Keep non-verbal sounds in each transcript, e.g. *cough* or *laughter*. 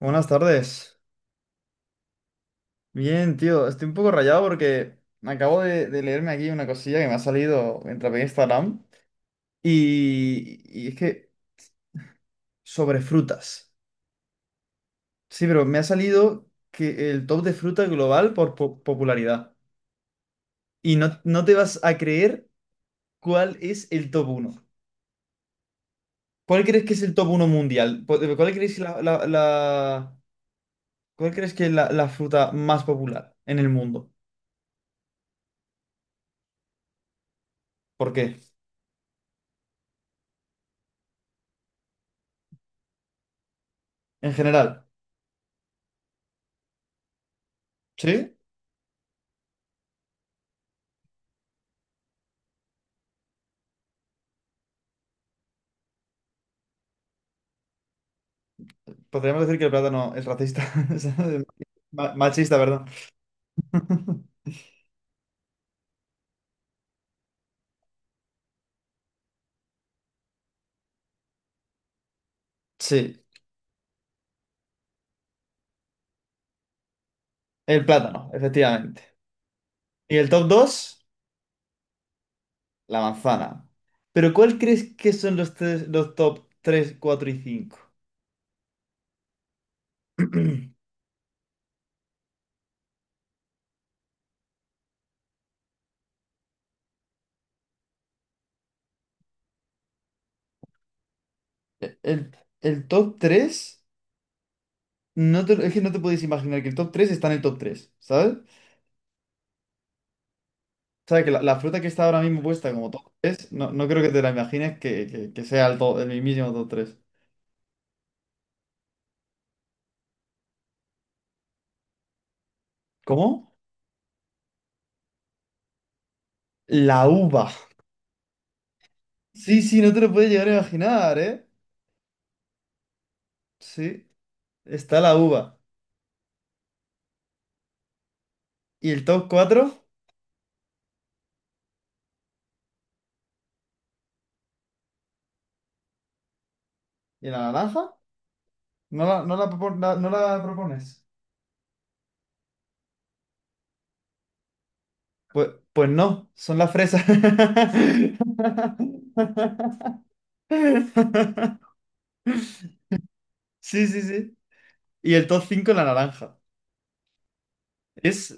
Buenas tardes. Bien, tío. Estoy un poco rayado porque me acabo de leerme aquí una cosilla que me ha salido mientras veía Instagram. Y es que sobre frutas. Sí, pero me ha salido que el top de fruta global por popularidad. Y no, no te vas a creer cuál es el top uno. ¿Cuál crees que es el top uno mundial? ¿Cuál crees cuál crees que es la fruta más popular en el mundo? ¿Por qué? En general. ¿Sí? Podríamos decir que el plátano es racista. *laughs* es Machista, perdón. *laughs* Sí, el plátano, efectivamente. Y el top 2 la manzana. Pero ¿cuál crees que son los top 3 4 y cinco? *clears throat* El, el top 3 es que no te podéis imaginar que el top 3 está en el top tres, ¿sabes? O sea, que la fruta que está ahora mismo puesta como top 3 no, no creo que te la imagines que, que sea el mismísimo top tres. ¿Cómo? La uva. Sí, sí, no te lo puedes llegar a imaginar, ¿eh? Sí, está la uva. ¿Y el top cuatro? ¿Y la naranja? No la propones? Pues no, son las fresas. *laughs* Sí, sí, sí. Y el top 5 la naranja. Es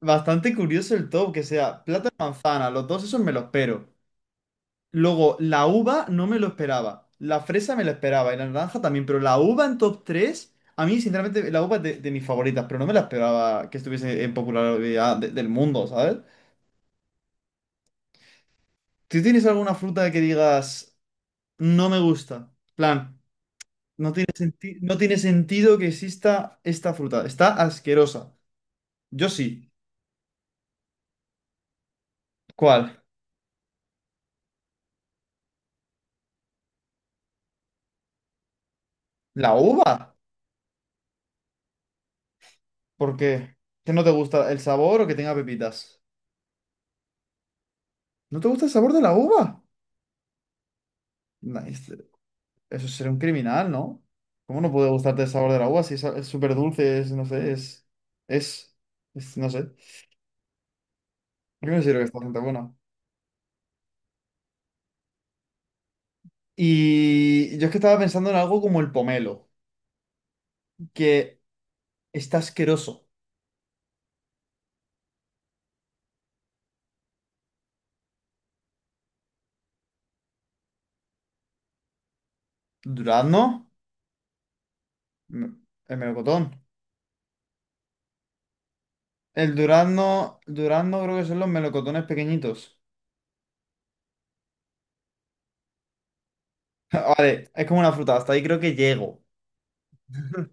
bastante curioso el top, que sea plátano y manzana. Los dos esos me los pero. Luego, la uva no me lo esperaba. La fresa me la esperaba y la naranja también, pero la uva en top 3 a mí sinceramente la uva es de mis favoritas, pero no me la esperaba que estuviese en popularidad del mundo, ¿sabes? ¿Tú tienes alguna fruta que digas, no me gusta? Plan, no tiene sentido que exista esta fruta, está asquerosa. Yo sí. ¿Cuál? ¿La uva? ¿Por qué? ¿Que no te gusta el sabor o que tenga pepitas? ¿No te gusta el sabor de la uva? Nice. Eso sería un criminal, ¿no? ¿Cómo no puede gustarte el sabor de la uva si es súper dulce, no sé, es, no sé. Yo no considero que está bastante bueno. Y yo es que estaba pensando en algo como el pomelo, que está asqueroso. ¿Durazno? Mm, El melocotón. El durazno, durazno creo que son los melocotones pequeñitos. *laughs* Vale, es como una fruta, hasta ahí creo que llego. *laughs*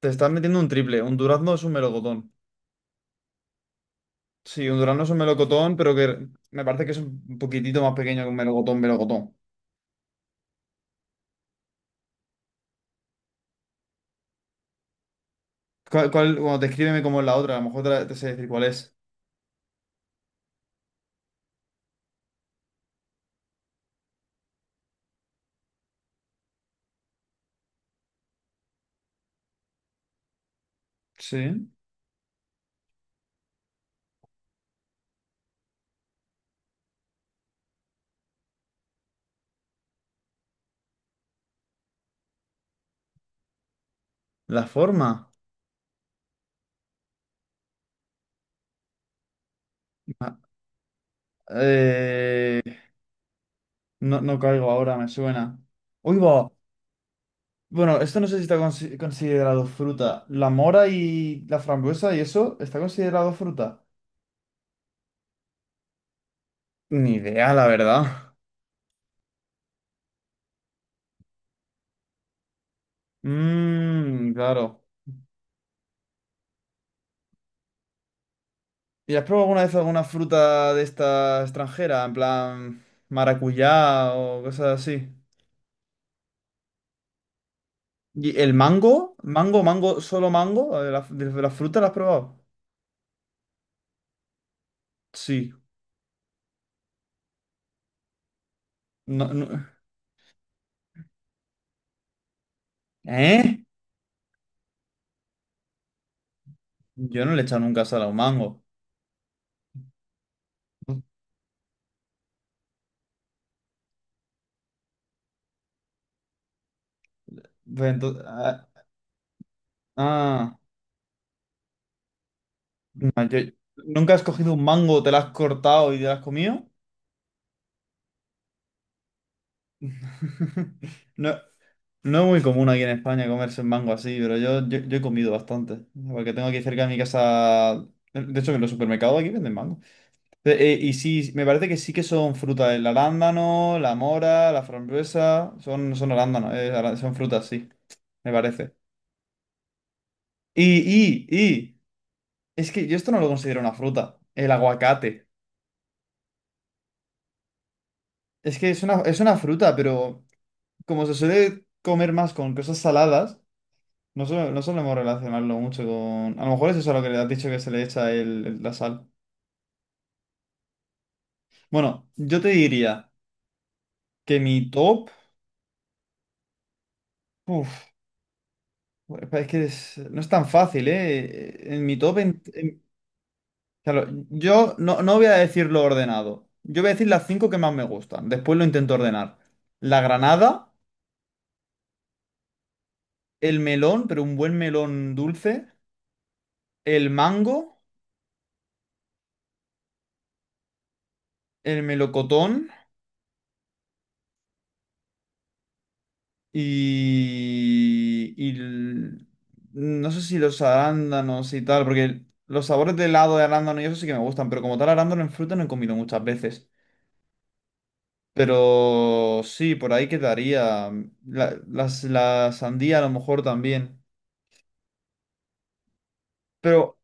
Te estás metiendo un triple, un durazno es un melocotón. Sí, un durazno es un melocotón, pero que me parece que es un poquitito más pequeño que un melocotón, melocotón. ¿Cuál, bueno, descríbeme cómo es la otra, a lo mejor te sé decir cuál es. Sí. La forma. Ah, eh, no, no caigo ahora, me suena. Uy, va. Bueno, esto no sé si está considerado fruta. La mora y la frambuesa y eso, ¿está considerado fruta? Ni idea, la verdad. Mmm, claro. ¿Y has probado alguna vez alguna fruta de esta extranjera? En plan maracuyá o cosas así. ¿Y el mango? ¿Mango, mango, solo mango? ¿De la fruta la has probado? Sí. No. ¿Eh? Yo no le he echado nunca sal a un mango. Pues ah, ah, no, ¿nunca has cogido un mango, te lo has cortado y te lo has comido? *laughs* No. No es muy común aquí en España comerse el mango así, pero yo he comido bastante. Porque tengo aquí cerca de mi casa. De hecho, en los supermercados aquí venden mango. Y sí, me parece que sí que son frutas. El arándano, la mora, la frambuesa. Son arándanos, son frutas, sí, me parece. Y, y, y. Es que yo esto no lo considero una fruta. El aguacate. Es que es una fruta, pero como se suele comer más con cosas saladas. No, no solemos relacionarlo mucho con... A lo mejor es eso lo que le has dicho que se le echa la sal. Bueno, yo te diría que mi top... Uf, es que no es tan fácil, ¿eh? En mi top... Claro, yo no, no voy a decir lo ordenado. Yo voy a decir las cinco que más me gustan. Después lo intento ordenar. La granada, el melón, pero un buen melón dulce, el mango, el melocotón. Y, y l- no sé si los arándanos y tal, porque los sabores de helado de arándano y eso sí que me gustan, pero como tal arándano en fruta no he comido muchas veces. Pero sí, por ahí quedaría. La sandía a lo mejor también. Pero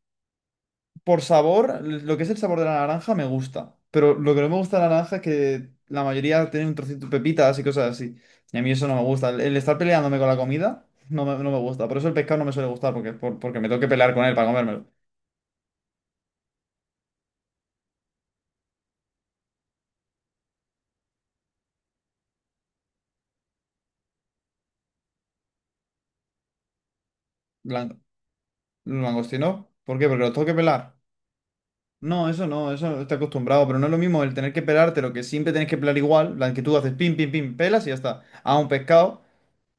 por sabor, lo que es el sabor de la naranja me gusta. Pero lo que no me gusta de la naranja es que la mayoría tiene un trocito de pepitas y cosas así. Y a mí eso no me gusta. El estar peleándome con la comida no me gusta. Por eso el pescado no me suele gustar, porque me tengo que pelear con él para comérmelo. Lan- ¿Langostino? ¿Por qué? Porque lo tengo que pelar. No, eso no, eso está acostumbrado. Pero no es lo mismo el tener que pelarte, lo que siempre tienes que pelar igual. La que tú haces pim, pim, pim, pelas y ya está. A un pescado,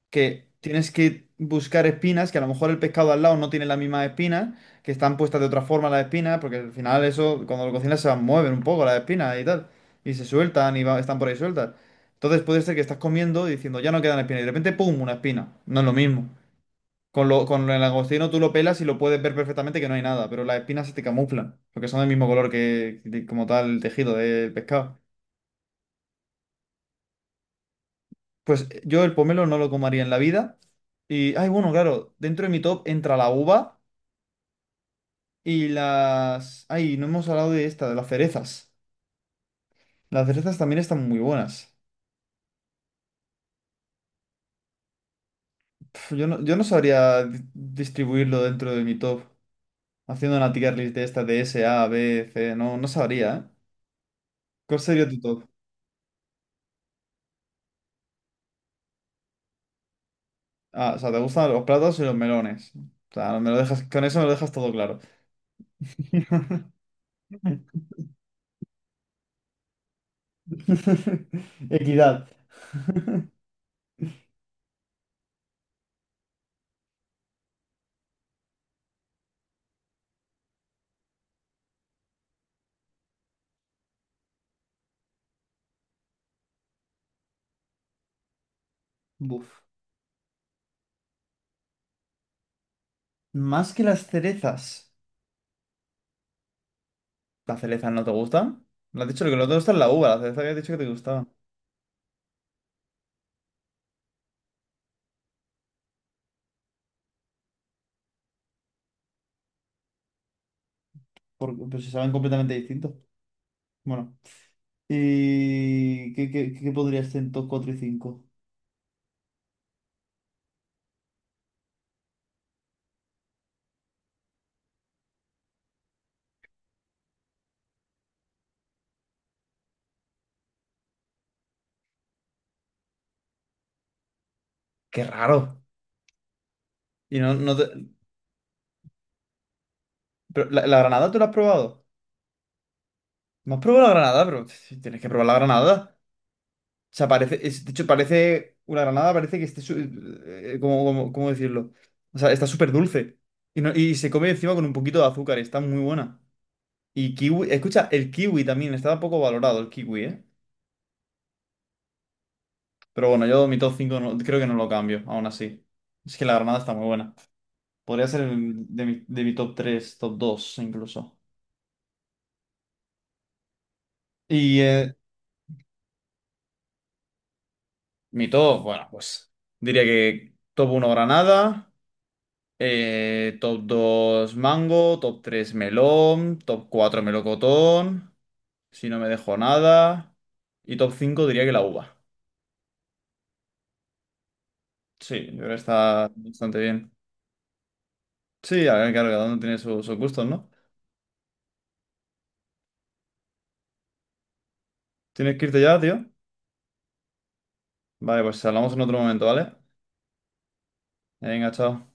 que tienes que buscar espinas, que a lo mejor el pescado al lado no tiene las mismas espinas, que están puestas de otra forma las espinas, porque al final eso, cuando lo cocinas se mueven un poco las espinas y tal, y se sueltan y están por ahí sueltas. Entonces puede ser que estás comiendo y diciendo, ya no quedan espinas, y de repente, ¡pum!, una espina. No es lo mismo. Con el langostino tú lo pelas y lo puedes ver perfectamente que no hay nada, pero las espinas se te camuflan, porque son del mismo color que como tal el tejido del pescado. Pues yo el pomelo no lo comería en la vida. Y, ay, bueno, claro, dentro de mi top entra la uva y las... Ay, no hemos hablado de esta, de las cerezas. Las cerezas también están muy buenas. Pf, yo no, yo no sabría distribuirlo dentro de mi top. Haciendo una tier list de esta de S, A, B, C, no, no sabría, ¿eh? ¿Cuál sería tu top? Ah, o sea, te gustan los plátanos y los melones. O sea, me lo dejas, con eso me lo dejas todo claro. *laughs* Equidad. Buf. Más que las cerezas. ¿La cereza no te gusta? ¿La has dicho que lo que no te gusta es la uva, la cereza que has dicho que te gustaba? Pues si saben completamente distintos. Bueno. ¿Y qué podría ser en top 4 y cinco? Qué raro. Y no, no te... Pero, ¿la granada tú la has probado? No has probado la granada, pero tienes que probar la granada. O sea, parece, de hecho, parece, una granada parece que esté, ¿Cómo decirlo? O sea, está súper dulce. Y, y se come encima con un poquito de azúcar, está muy buena. Y kiwi, escucha, el kiwi también, está poco valorado el kiwi, ¿eh? Pero bueno, yo mi top 5 no, creo que no lo cambio, aún así. Es que la granada está muy buena. Podría ser de mi top tres top dos incluso. Y mi top, bueno, pues diría que top uno granada, top 2 mango, top 3 melón, top 4 melocotón, si no me dejo nada. Y top 5 diría que la uva. Sí, yo creo que está bastante bien. Sí, a ver, claro, cada uno tiene sus gustos, ¿no? Tienes que irte ya, tío. Vale, pues hablamos en otro momento, ¿vale? Venga, chao.